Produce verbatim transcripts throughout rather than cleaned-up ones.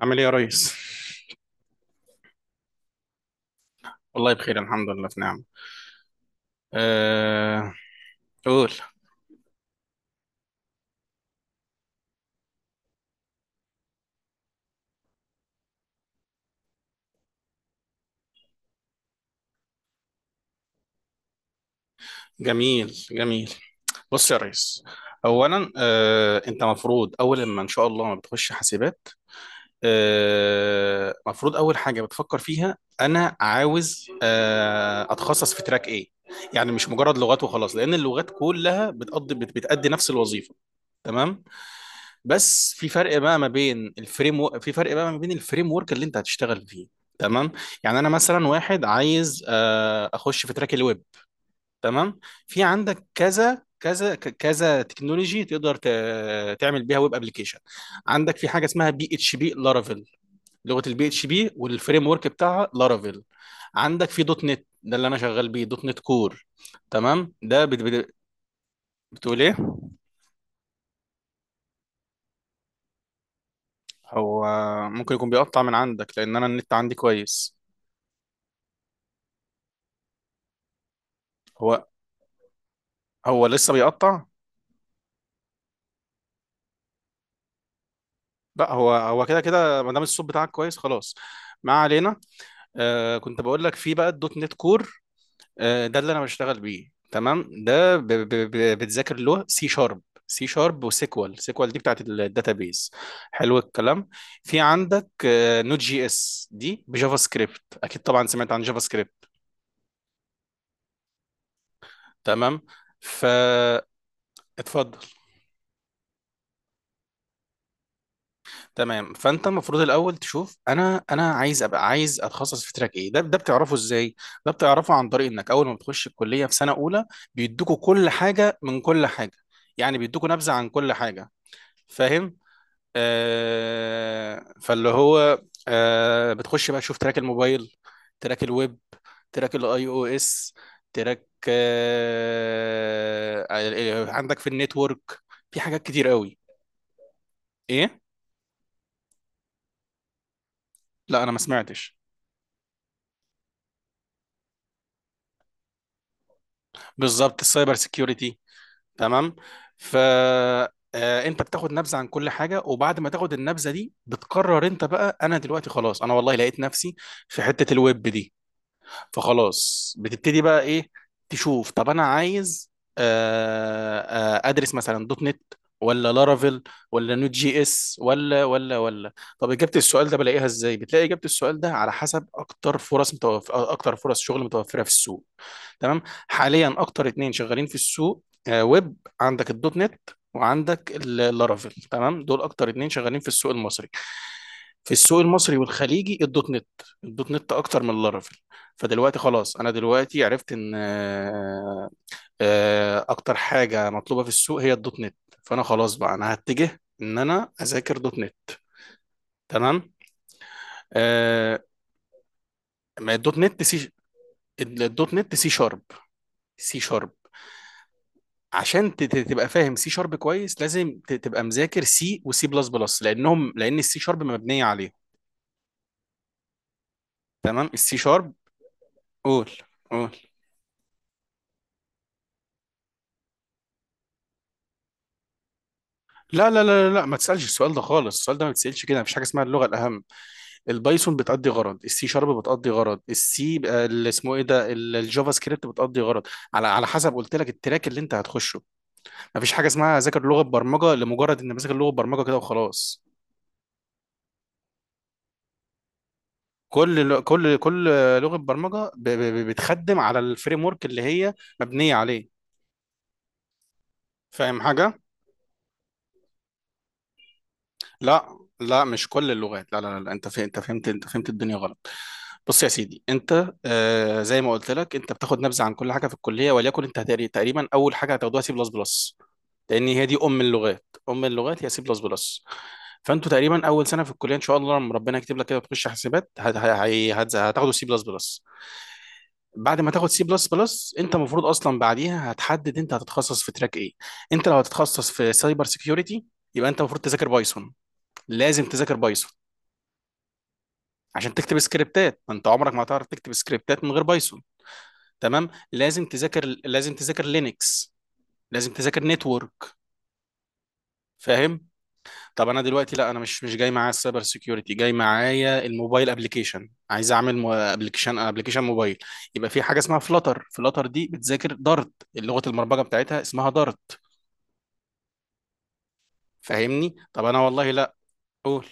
عامل ايه يا ريس؟ والله بخير، الحمد لله في نعمة. أه... قول. جميل جميل. بص يا ريس، أولا أه... أنت مفروض أول ما إن شاء الله ما بتخش حاسبات أه... مفروض أول حاجة بتفكر فيها أنا عاوز أه... أتخصص في تراك إيه؟ يعني مش مجرد لغات وخلاص، لأن اللغات كلها بتقضي بت... بتأدي نفس الوظيفة. تمام، بس في فرق بقى ما بين الفريم و... في فرق بقى ما بين الفريم ورك اللي انت هتشتغل فيه. تمام، يعني انا مثلا واحد عايز آه، اخش في تراك الويب. تمام، في عندك كذا كذا ك- كذا تكنولوجي تقدر ت- تعمل بيها ويب ابلكيشن. عندك في حاجه اسمها بي اتش بي لارافيل، لغه البي اتش بي والفريم ورك بتاعها لارافيل. عندك في دوت نت، ده اللي انا شغال بيه، دوت نت كور. تمام، ده بت... بت... بتقول ايه؟ هو ممكن يكون بيقطع من عندك لان انا النت عندي كويس. هو هو لسه بيقطع. لا، هو هو كده كده ما دام الصوت بتاعك كويس، خلاص. ما علينا. آه كنت بقول لك في بقى الدوت نت كور. آه ده اللي انا بشتغل بيه، تمام. ده ب ب ب بتذاكر له سي شارب، سي شارب وسيكوال، سيكوال دي بتاعت الداتابيز. حلو الكلام. في عندك آه نوت جي اس دي بجافا سكريبت، اكيد طبعا سمعت عن جافا سكريبت. تمام، فاتفضل. تمام، فانت المفروض الاول تشوف، انا انا عايز ابقى عايز اتخصص في تراك ايه؟ ده ده بتعرفه ازاي؟ ده بتعرفه عن طريق انك اول ما بتخش الكليه في سنه اولى بيدوكوا كل حاجه من كل حاجه. يعني بيدوكوا نبذه عن كل حاجه. فاهم؟ آه فاللي هو آه بتخش بقى تشوف تراك الموبايل، تراك الويب، تراك الاي او اس، تراك، آه عندك في النتورك، في حاجات كتير قوي. ايه؟ لا انا ما سمعتش. بالظبط، السايبر سيكيورتي. تمام، فانت بتاخد نبذه عن كل حاجه، وبعد ما تاخد النبذه دي بتقرر انت بقى انا دلوقتي خلاص، انا والله لقيت نفسي في حته الويب دي. فخلاص بتبتدي بقى ايه؟ تشوف، طب انا عايز آه، آه، ادرس مثلا دوت نت، ولا لارافيل، ولا نوت جي اس، ولا ولا ولا. طب اجابه السؤال ده بلاقيها ازاي؟ بتلاقي اجابه السؤال ده على حسب اكتر فرص متوف... اكتر فرص شغل متوفره في السوق. تمام، حاليا اكتر اتنين شغالين في السوق، آه، ويب، عندك الدوت نت وعندك اللارافيل. تمام، دول اكتر اتنين شغالين في السوق المصري. في السوق المصري والخليجي، الدوت نت، الدوت نت اكتر من اللارافيل. فدلوقتي خلاص، انا دلوقتي عرفت ان آه، آه، اكتر حاجه مطلوبه في السوق هي الدوت نت. فانا خلاص بقى انا هتجه ان انا اذاكر دوت نت. تمام. آه، ما الدوت نت سي، الدوت نت سي شارب، سي شارب. عشان ت- ت- تبقى فاهم سي شارب كويس لازم ت- تبقى مذاكر سي وسي بلس بلس، لانهم لان السي شارب مبنيه عليه. تمام، السي شارب. قول قول. لا لا لا لا لا، ما تسالش السؤال ده خالص، السؤال ده ما بتسالش كده، مفيش حاجه اسمها اللغه الاهم. البايثون بتأدي غرض، السي شارب بتأدي غرض، السي بقى اللي اسمه ايه ده ال- الجافا سكريبت بتأدي غرض، على على حسب قلت لك التراك اللي انت هتخشه. مفيش حاجه اسمها ذاكر لغه برمجه لمجرد ان بذاكر لغه برمجه كده وخلاص. كل ل- كل كل لغه برمجه ب- ب- بتخدم على الفريم ورك اللي هي مبنيه عليه. فاهم حاجه؟ لا لا، مش كل اللغات، لا لا لا، انت فهمت انت فهمت انت فهمت الدنيا غلط. بص يا سيدي، انت آه زي ما قلت لك، انت بتاخد نبذه عن كل حاجه في الكليه، وليكن انت هتقري- تقريبا اول حاجه هتاخدوها سي بلس بلس، لان هي دي ام اللغات، ام اللغات هي سي بلس بلس. فانتوا تقريبا اول سنه في الكليه ان شاء الله لما ربنا يكتب لك كده وتخش حاسبات هت- هي- هت- هتاخدوا سي بلس بلس. بعد ما تاخد سي بلس بلس انت المفروض اصلا بعديها هتحدد انت هتتخصص في تراك ايه. انت لو هتتخصص في سايبر سيكيورتي يبقى انت المفروض تذاكر بايثون، لازم تذاكر بايثون عشان تكتب سكريبتات، ما انت عمرك ما هتعرف تكتب سكريبتات من غير بايثون. تمام، لازم تذاكر لازم تذاكر لينكس، لازم تذاكر نتورك. فاهم؟ طب انا دلوقتي لا انا مش مش جاي معايا السايبر سيكيورتي، جاي معايا الموبايل ابلكيشن، عايز اعمل ابلكيشن ابلكيشن موبايل. يبقى في حاجه اسمها فلاتر. فلاتر دي بتذاكر دارت، لغه البرمجه بتاعتها اسمها دارت. فاهمني؟ طب انا والله لا. قول.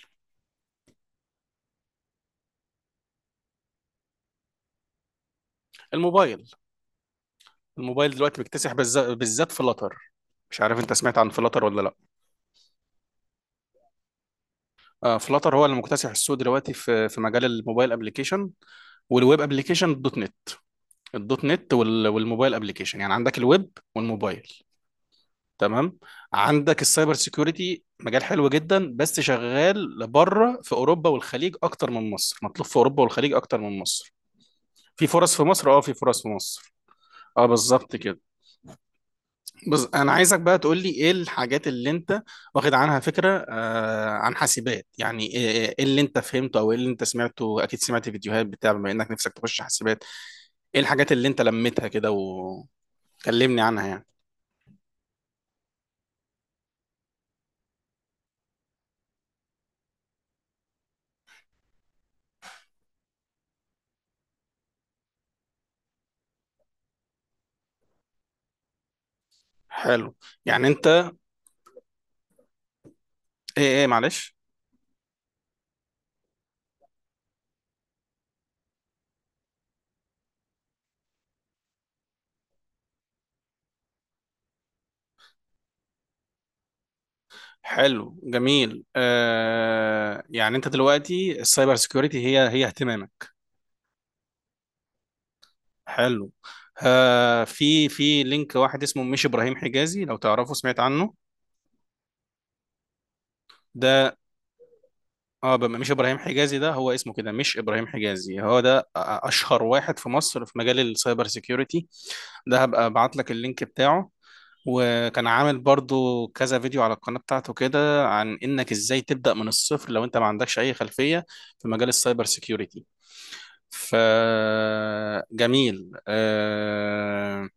الموبايل. الموبايل دلوقتي مكتسح بالز- بالذات فلاتر. مش عارف انت سمعت عن فلاتر ولا لا. آه فلاتر هو اللي مكتسح السوق دلوقتي في في مجال الموبايل ابلكيشن والويب ابلكيشن. الدوت نت، الدوت نت وال- والموبايل ابلكيشن، يعني عندك الويب والموبايل. تمام. عندك السايبر سيكيورتي، مجال حلو جدا بس شغال لبره، في اوروبا والخليج اكتر من مصر، مطلوب في اوروبا والخليج اكتر من مصر. في فرص في مصر، اه في فرص في مصر. اه، بالظبط كده. بز... انا عايزك بقى تقول لي، ايه الحاجات اللي انت واخد عنها فكره آه عن حاسبات؟ يعني ايه إيه- إيه اللي انت فهمته او ايه اللي انت سمعته، اكيد سمعت فيديوهات بتاع، بما انك نفسك تخش حاسبات. ايه الحاجات اللي انت لميتها كده وكلمني عنها يعني. حلو. يعني انت، ايه ايه معلش. حلو، جميل، آه يعني انت دلوقتي السايبر سيكيورتي هي هي اهتمامك. حلو. آه في في لينك واحد اسمه مش ابراهيم حجازي، لو تعرفه، سمعت عنه؟ ده، اه بم- مش ابراهيم حجازي ده هو اسمه كده، مش ابراهيم حجازي، هو ده أ- اشهر واحد في مصر في مجال السايبر سيكيورتي. ده هبقى ابعت لك اللينك بتاعه. وكان عامل برضو كذا فيديو على القناة بتاعته كده عن انك ازاي تبدأ من الصفر لو انت ما عندكش اي خلفية في مجال السايبر سيكيورتي. ف جميل. آه...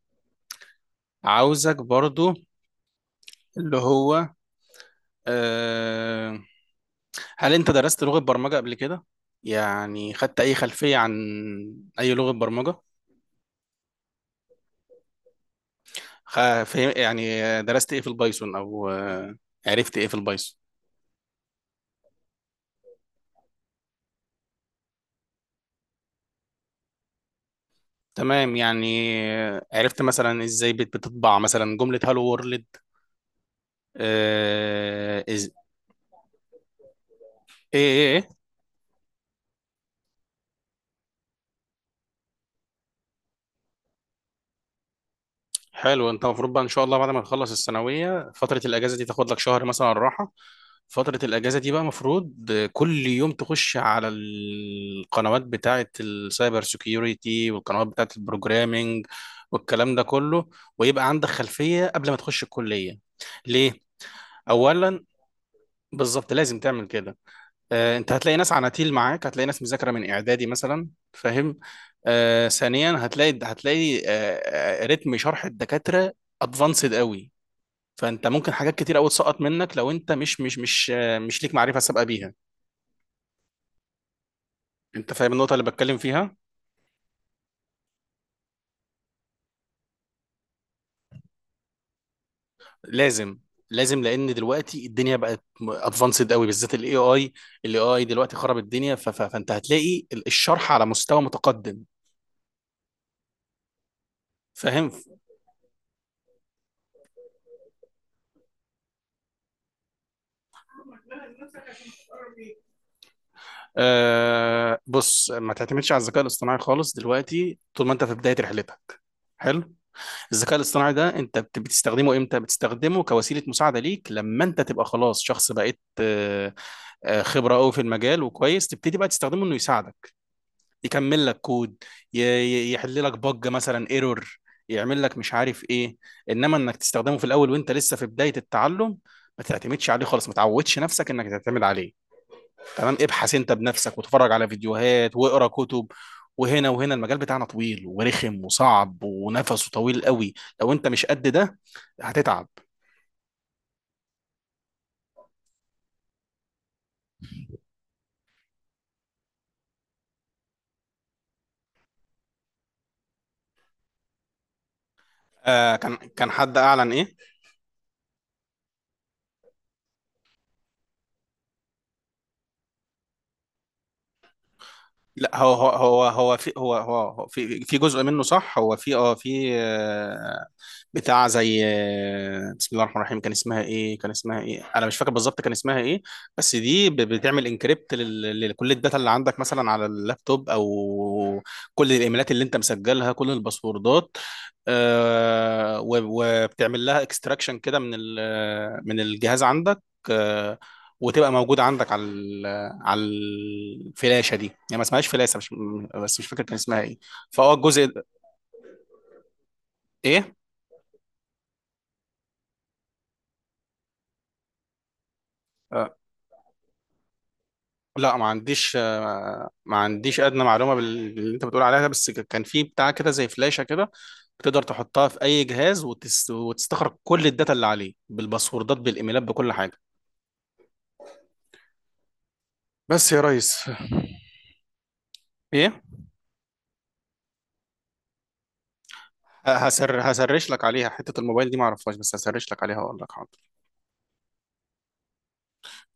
عاوزك برضو اللي هو آه... هل انت درست لغة برمجة قبل كده؟ يعني خدت اي خلفية عن اي لغة برمجة؟ خ... فهم... يعني درست ايه في البايثون او آه، عرفت ايه في البايثون؟ تمام، يعني آه، عرفت مثلا ازاي بت- بتطبع مثلا جملة هالو وورلد. آه... إز... ايه ايه إيه؟ حلو، انت المفروض بقى ان شاء الله بعد ما تخلص الثانويه فتره الاجازه دي تاخد لك شهر مثلا راحه. فتره الاجازه دي بقى المفروض كل يوم تخش على القنوات بتاعه السايبر سيكيورتي والقنوات بتاعه البروجرامينج والكلام ده كله، ويبقى عندك خلفيه قبل ما تخش الكليه. ليه؟ اولا، بالظبط لازم تعمل كده. آه، انت هتلاقي ناس عناتيل معاك، هتلاقي ناس مذاكره من اعدادي مثلا. فاهم؟ آه، ثانيا، هتلاقي هتلاقي آه، آه، رتم شرح الدكاتره ادفانسد قوي. فانت ممكن حاجات كتير قوي تسقط منك لو انت مش مش مش آه، مش ليك معرفه سابقه بيها. انت فاهم النقطه اللي بتكلم فيها؟ لازم لازم، لان دلوقتي الدنيا بقت ادفانسد قوي، بالذات الاي اي، الاي اي دلوقتي خرب الدنيا. ف- ف- فانت هتلاقي الشرح على مستوى متقدم. فاهم؟ أه بص، ما تعتمدش على الذكاء الاصطناعي خالص دلوقتي طول ما انت في بداية رحلتك. حلو. الذكاء الاصطناعي ده انت بت- بتستخدمه امتى؟ بتستخدمه كوسيلة مساعدة ليك لما انت تبقى خلاص شخص بقيت آه، آه، خبرة قوي في المجال وكويس، تبتدي بقى تستخدمه انه يساعدك، يكمل لك كود، ي- ي- يحل لك بج مثلا، ايرور، يعمل لك مش عارف ايه. انما انك تستخدمه في الاول وانت لسه في بداية التعلم ما تعتمدش عليه خالص، ما تعودش نفسك انك تعتمد عليه. تمام، ابحث انت بنفسك وتفرج على فيديوهات واقرا كتب. وهنا وهنا المجال بتاعنا طويل ورخم وصعب ونفسه طويل قوي. لو انت مش قد ده هتتعب. آه كان كان حد اعلن ايه؟ لا، هو هو هو هو في، هو هو هو في في جزء منه صح، هو في اه في آه، بتاع زي آه، بسم الله الرحمن الرحيم، كان اسمها ايه، كان اسمها ايه، انا مش فاكر بالظبط كان اسمها ايه. بس دي ب- بتعمل انكريبت لكل الداتا اللي عندك مثلا على اللابتوب او كل الايميلات اللي انت مسجلها، كل الباسوردات، آه، و- وبتعمل لها اكستراكشن كده من ال- من الجهاز عندك. آه، وتبقى موجوده عندك على ال- على الفلاشه دي، يعني ما اسمهاش فلاشه مش. بس مش فاكر كان اسمها ايه. فاه الجزء ده-. ايه؟ آه، لا ما عنديش، آه، ما عنديش ادنى معلومه بال- باللي انت بتقول عليها ده، بس ك- كان في بتاع كده زي فلاشه كده، بتقدر تحطها في اي جهاز وتس... وتستخرج كل الداتا اللي عليه بالباسوردات بالايميلات بكل حاجه، بس يا ريس. ايه؟ ه- هسر هسرش لك عليها حتة الموبايل دي ما اعرفهاش، بس هسرش لك عليها واقول لك، حاضر.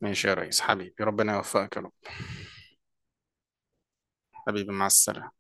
ماشي يا ريس حبيبي، ربنا يوفقك يا رب. حبيبي، مع السلامة.